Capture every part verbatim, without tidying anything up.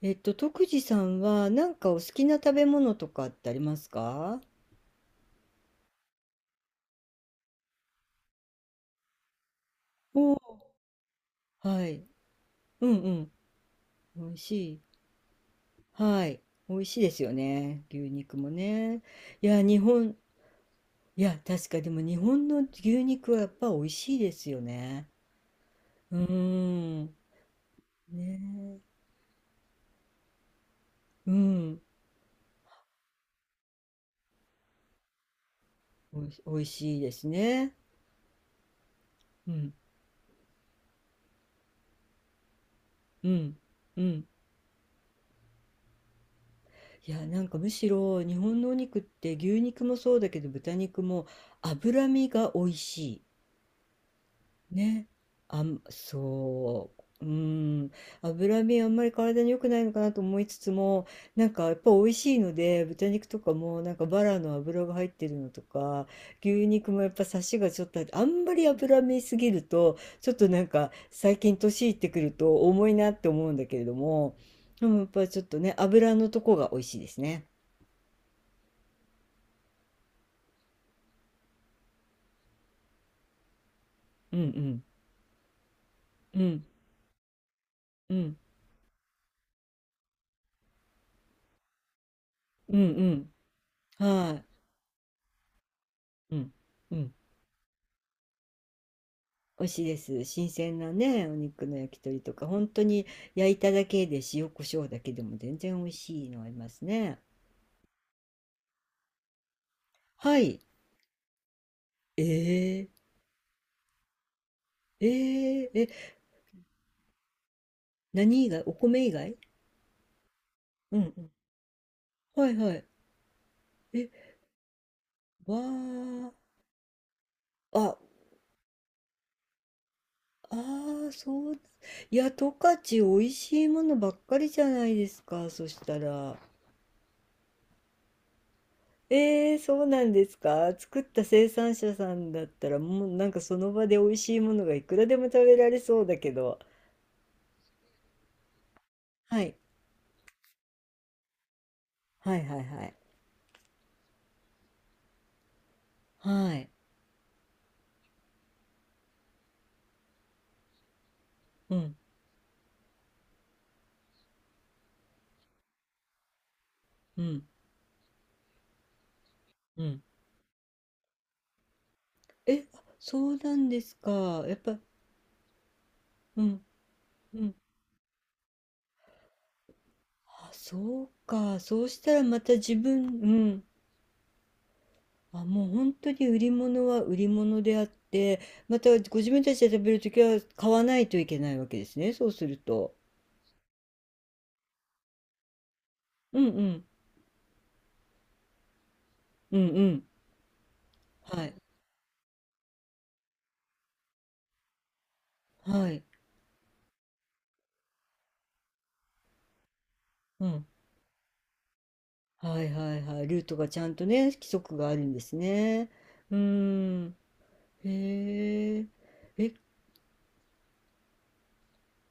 えっと、徳次さんはなんかお好きな食べ物とかってありますか？おー。はい。うんうん。美味しい。はい。美味しいですよね。牛肉もね。いや、日本、いや、確かでも日本の牛肉はやっぱ美味しいですよね。うーん。ねえ。うん。おいし、美味しいですね。うん。うん。うん。いや、なんかむしろ日本のお肉って牛肉もそうだけど豚肉も脂身が美味しい。ね、あん、そう、うーん、脂身あんまり体に良くないのかなと思いつつも、なんかやっぱ美味しいので、豚肉とかもなんかバラの脂が入ってるのとか、牛肉もやっぱサシがちょっとあって、あんまり脂身すぎると、ちょっとなんか最近年いってくると重いなって思うんだけれども、でもやっぱちょっとね、脂のとこが美味しいですね。うんうん、うん、うん、うん、うん、はい、うん、うん。美味しいです。新鮮なね、お肉の焼き鳥とか、本当に焼いただけで塩コショウだけでも全然美味しいのありますね。はい。えー、えー、え、何以外お米以外。うんうん。はいはい。え、わー。あ、あー、そうだ。いや、十勝美味しいものばっかりじゃないですか。そしたら。えー、そうなんですか。作った生産者さんだったら、もうなんかその場で美味しいものがいくらでも食べられそうだけど。はい。はいはいはい。はい。うん。うん。うん。え、あそうなんですか。やっぱ、うん。うん。あ、そうか。そうしたらまた自分、うん。あ、もう本当に売り物は売り物であって、またご自分たちで食べるときは買わないといけないわけですね。そうすると。うんうん。うんうん。はい。はい。うん。はいはいはい。ルートがちゃんとね、規則があるんですね。うーん。へえ。え、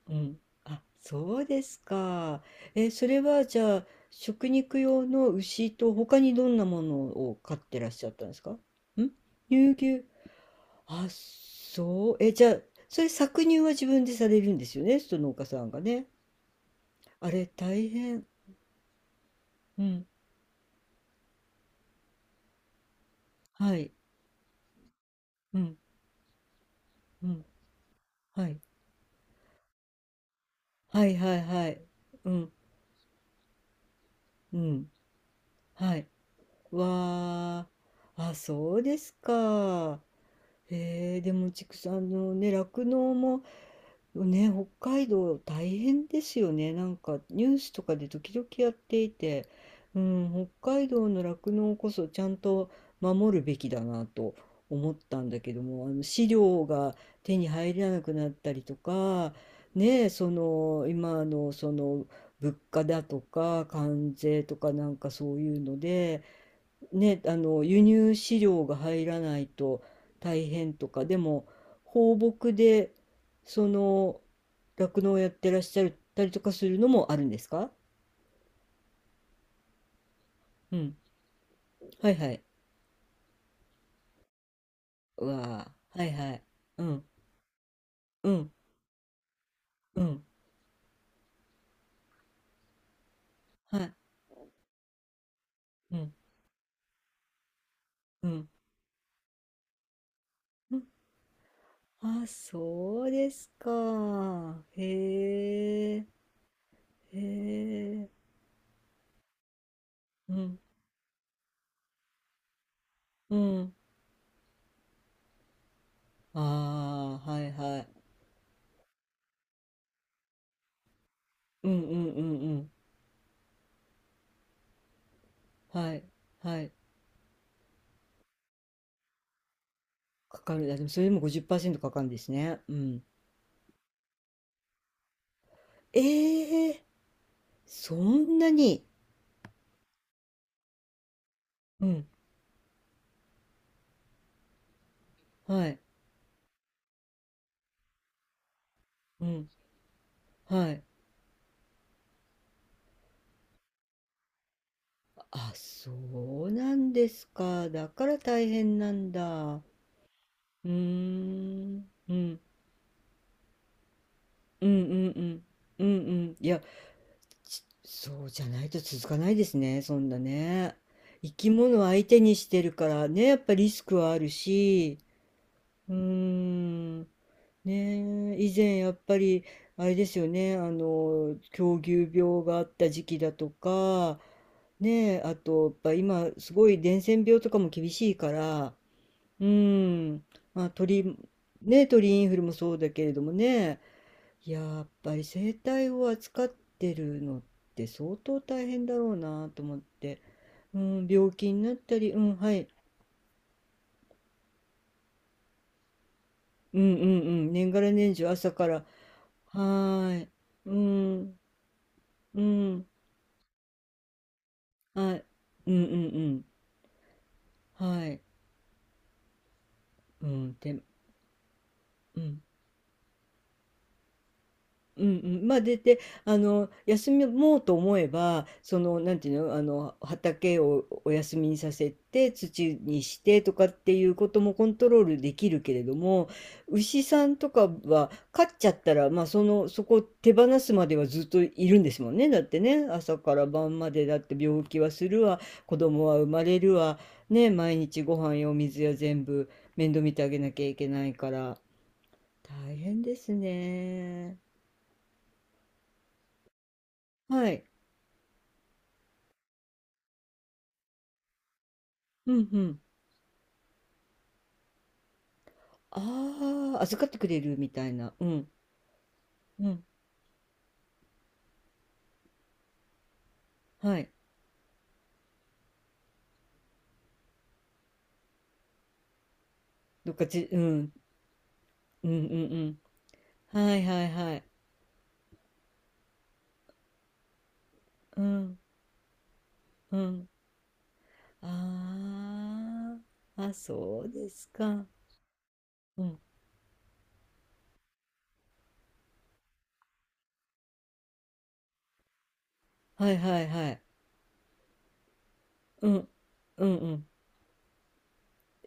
うん。あ、そうですか。え、それはじゃあ、食肉用の牛と他にどんなものを飼ってらっしゃったんですかん。乳牛。あ、そう。え、じゃあ、それ搾乳は自分でされるんですよね、その農家さんがね。あれ、大変。うん。はい。うん。うん。はい。はいはいはい。うん。うん。はい。わー。あ、そうですか。へえ、でも畜産のね、酪農も、ね、北海道大変ですよね。なんかニュースとかで時々やっていて、うん、北海道の酪農こそちゃんと守るべきだなと思ったんだけども、あの飼料が手に入らなくなったりとか、ねえ、その今のその物価だとか関税とかなんかそういうので、ね、あの輸入飼料が入らないと大変とか、でも放牧でその酪農をやってらっしゃったりとかするのもあるんですか？うん。はいはい。うわあ、はいはい。うん、うん、うん、はい。うん、うん、うん。あ、そうですか。へえ、へえ。うん、うん。ああ、はいはい。うんうんうんうん。はい、はい。かかる。いやでもそれでもごじゅっパーセントかかるんですね。うん。ええ、そんなに。うん、はい、うん、はい。あ、そうなんですか。だから大変なんだ。うーん、うん、うん、うん、うん、うん、うん。いや、ちそうじゃないと続かないですね、そんなね。生き物相手にしてるからね、やっぱリスクはあるし、うーん、ねえ、以前やっぱり、あれですよね、あの、狂牛病があった時期だとか、ねえ、あと、やっぱ今、すごい伝染病とかも厳しいから、うーん、まあ、鳥、ね、鳥インフルもそうだけれどもね、やっぱり生態を扱ってるのって相当大変だろうなと思って、うん、病気になったり、うん、はい、うんうんうん、年がら年中朝から、はーい、うん、うん、はい、うんうんうん、はい、うん、て、うん。うんうん、まあで、で、あの休もうと思えばそのなんていうの、あの畑をお休みにさせて土にしてとかっていうこともコントロールできるけれども牛さんとかは飼っちゃったら、まあ、そのそこを手放すまではずっといるんですもんねだってね朝から晩までだって病気はするわ子供は生まれるわね毎日ご飯やお水や全部面倒見てあげなきゃいけないから大変ですね。はい。うんうん。ああ、預かってくれるみたいな。うん。うん。はい。どっかじ。うんうんうんうん。はいはいはい。うん。うん。ああ。あ、そうですか。うん。はいはいはい。うん。うんうん。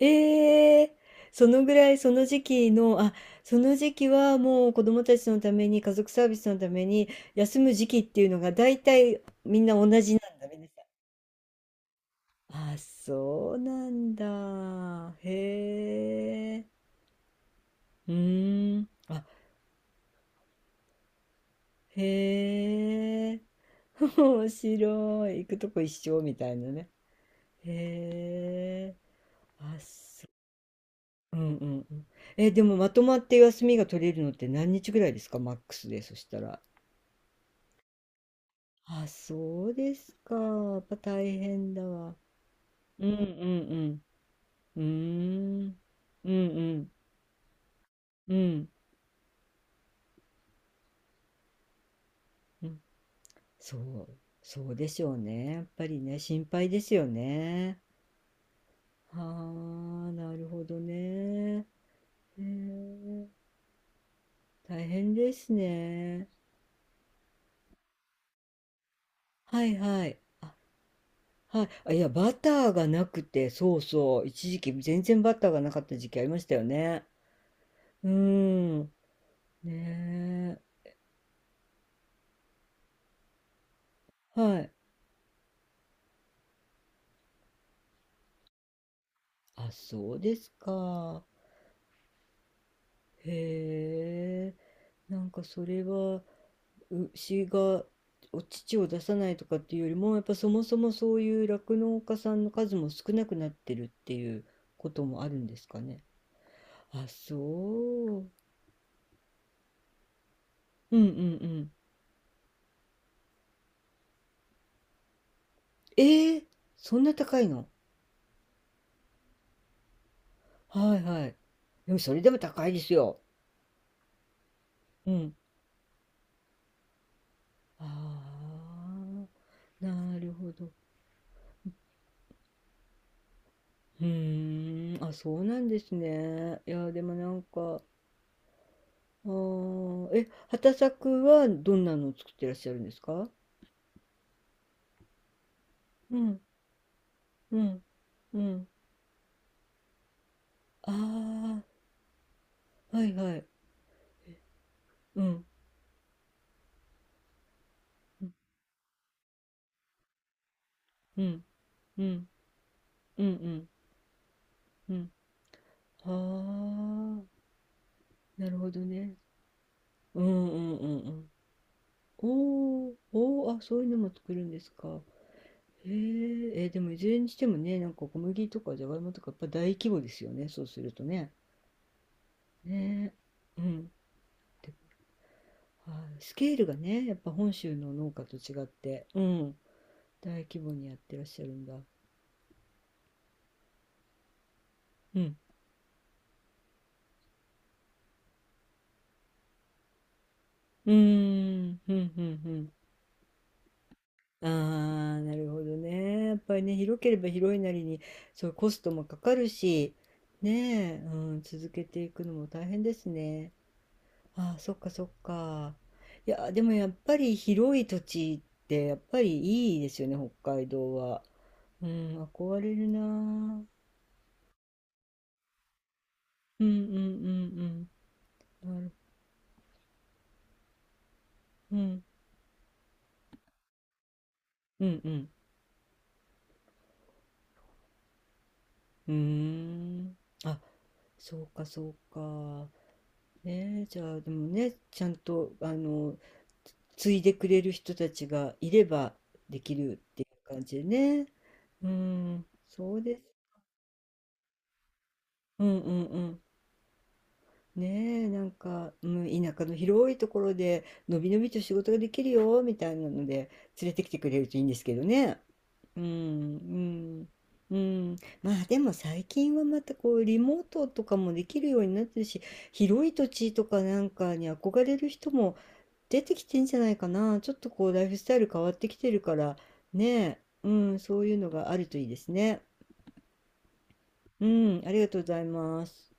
ええ。そのぐらい、その時期の、あ、その時期はもう子供たちのために、家族サービスのために、休む時期っていうのが大体みんな同じなんだね。あ、そうなんだ。へえ。うーん。あ、へえ。面白い。行くとこ一緒みたいなね。へえ。あ、そう。うんうんうん。え、でもまとまって休みが取れるのって何日ぐらいですか？マックスで、そしたら。あ、そうですか。やっぱ大変だわ。うんうんうん。うーん。うんうん。うん。うん。そう、そうでしょうね。やっぱりね、心配ですよね。はあ、なるほどね。へえ、大変ですね。はいはい。あ、はい。あ、いや、バターがなくて、そうそう。一時期全然バターがなかった時期ありましたよね。うーん。ねえ。はい。あ、そうですか。へえ。なんかそれは牛がお乳を出さないとかっていうよりもやっぱそもそもそういう酪農家さんの数も少なくなってるっていうこともあるんですかね。あ、そう。うんうんうん。えー、そんな高いの。はいはい。でもそれでも高いですよ。うん。ああ、なるほど。うーん、あ、そうなんですね。いや、でもなんか、あー、え、畑作はどんなのを作ってらっしゃるんですか？うん。うん。うん。ああ、はいはい。うん。うん。うん。うん。うん。うん。はあ、なるほどね。うんうんうんうん。おーおー、あ、そういうのも作るんですか。へえ、えーでもいずれにしてもね、なんか小麦とかじゃがいもとかやっぱ大規模ですよね、そうするとね。ねえ、うん。で、はい、スケールがね、やっぱ本州の農家と違って、うん、大規模にやってらっしゃるんだ。うん。うーん、うん、うん、ああ、なるほどね。やっぱりね、広ければ広いなりに、そう、コストもかかるし、ねえ、うん、続けていくのも大変ですね。ああ、そっかそっか。いや、でもやっぱり広い土地って、やっぱりいいですよね、北海道は。うん、憧れるなあ。うんうんうんうん。なる、うん、うんうん。うーん。あ、そうかそうか。ねえ、じゃあでもね、ちゃんとあの継いでくれる人たちがいればできるっていう感じでね。うん、そうです。うんうんうん。ねえ、なんか、うん、田舎の広いところで、のびのびと仕事ができるよ、みたいなので、連れてきてくれるといいんですけどね。うん、うん、うん。まあでも最近はまたこう、リモートとかもできるようになってるし、広い土地とかなんかに憧れる人も出てきてんじゃないかな。ちょっとこうライフスタイル変わってきてるからねえ、うん、そういうのがあるといいですね。うん、ありがとうございます。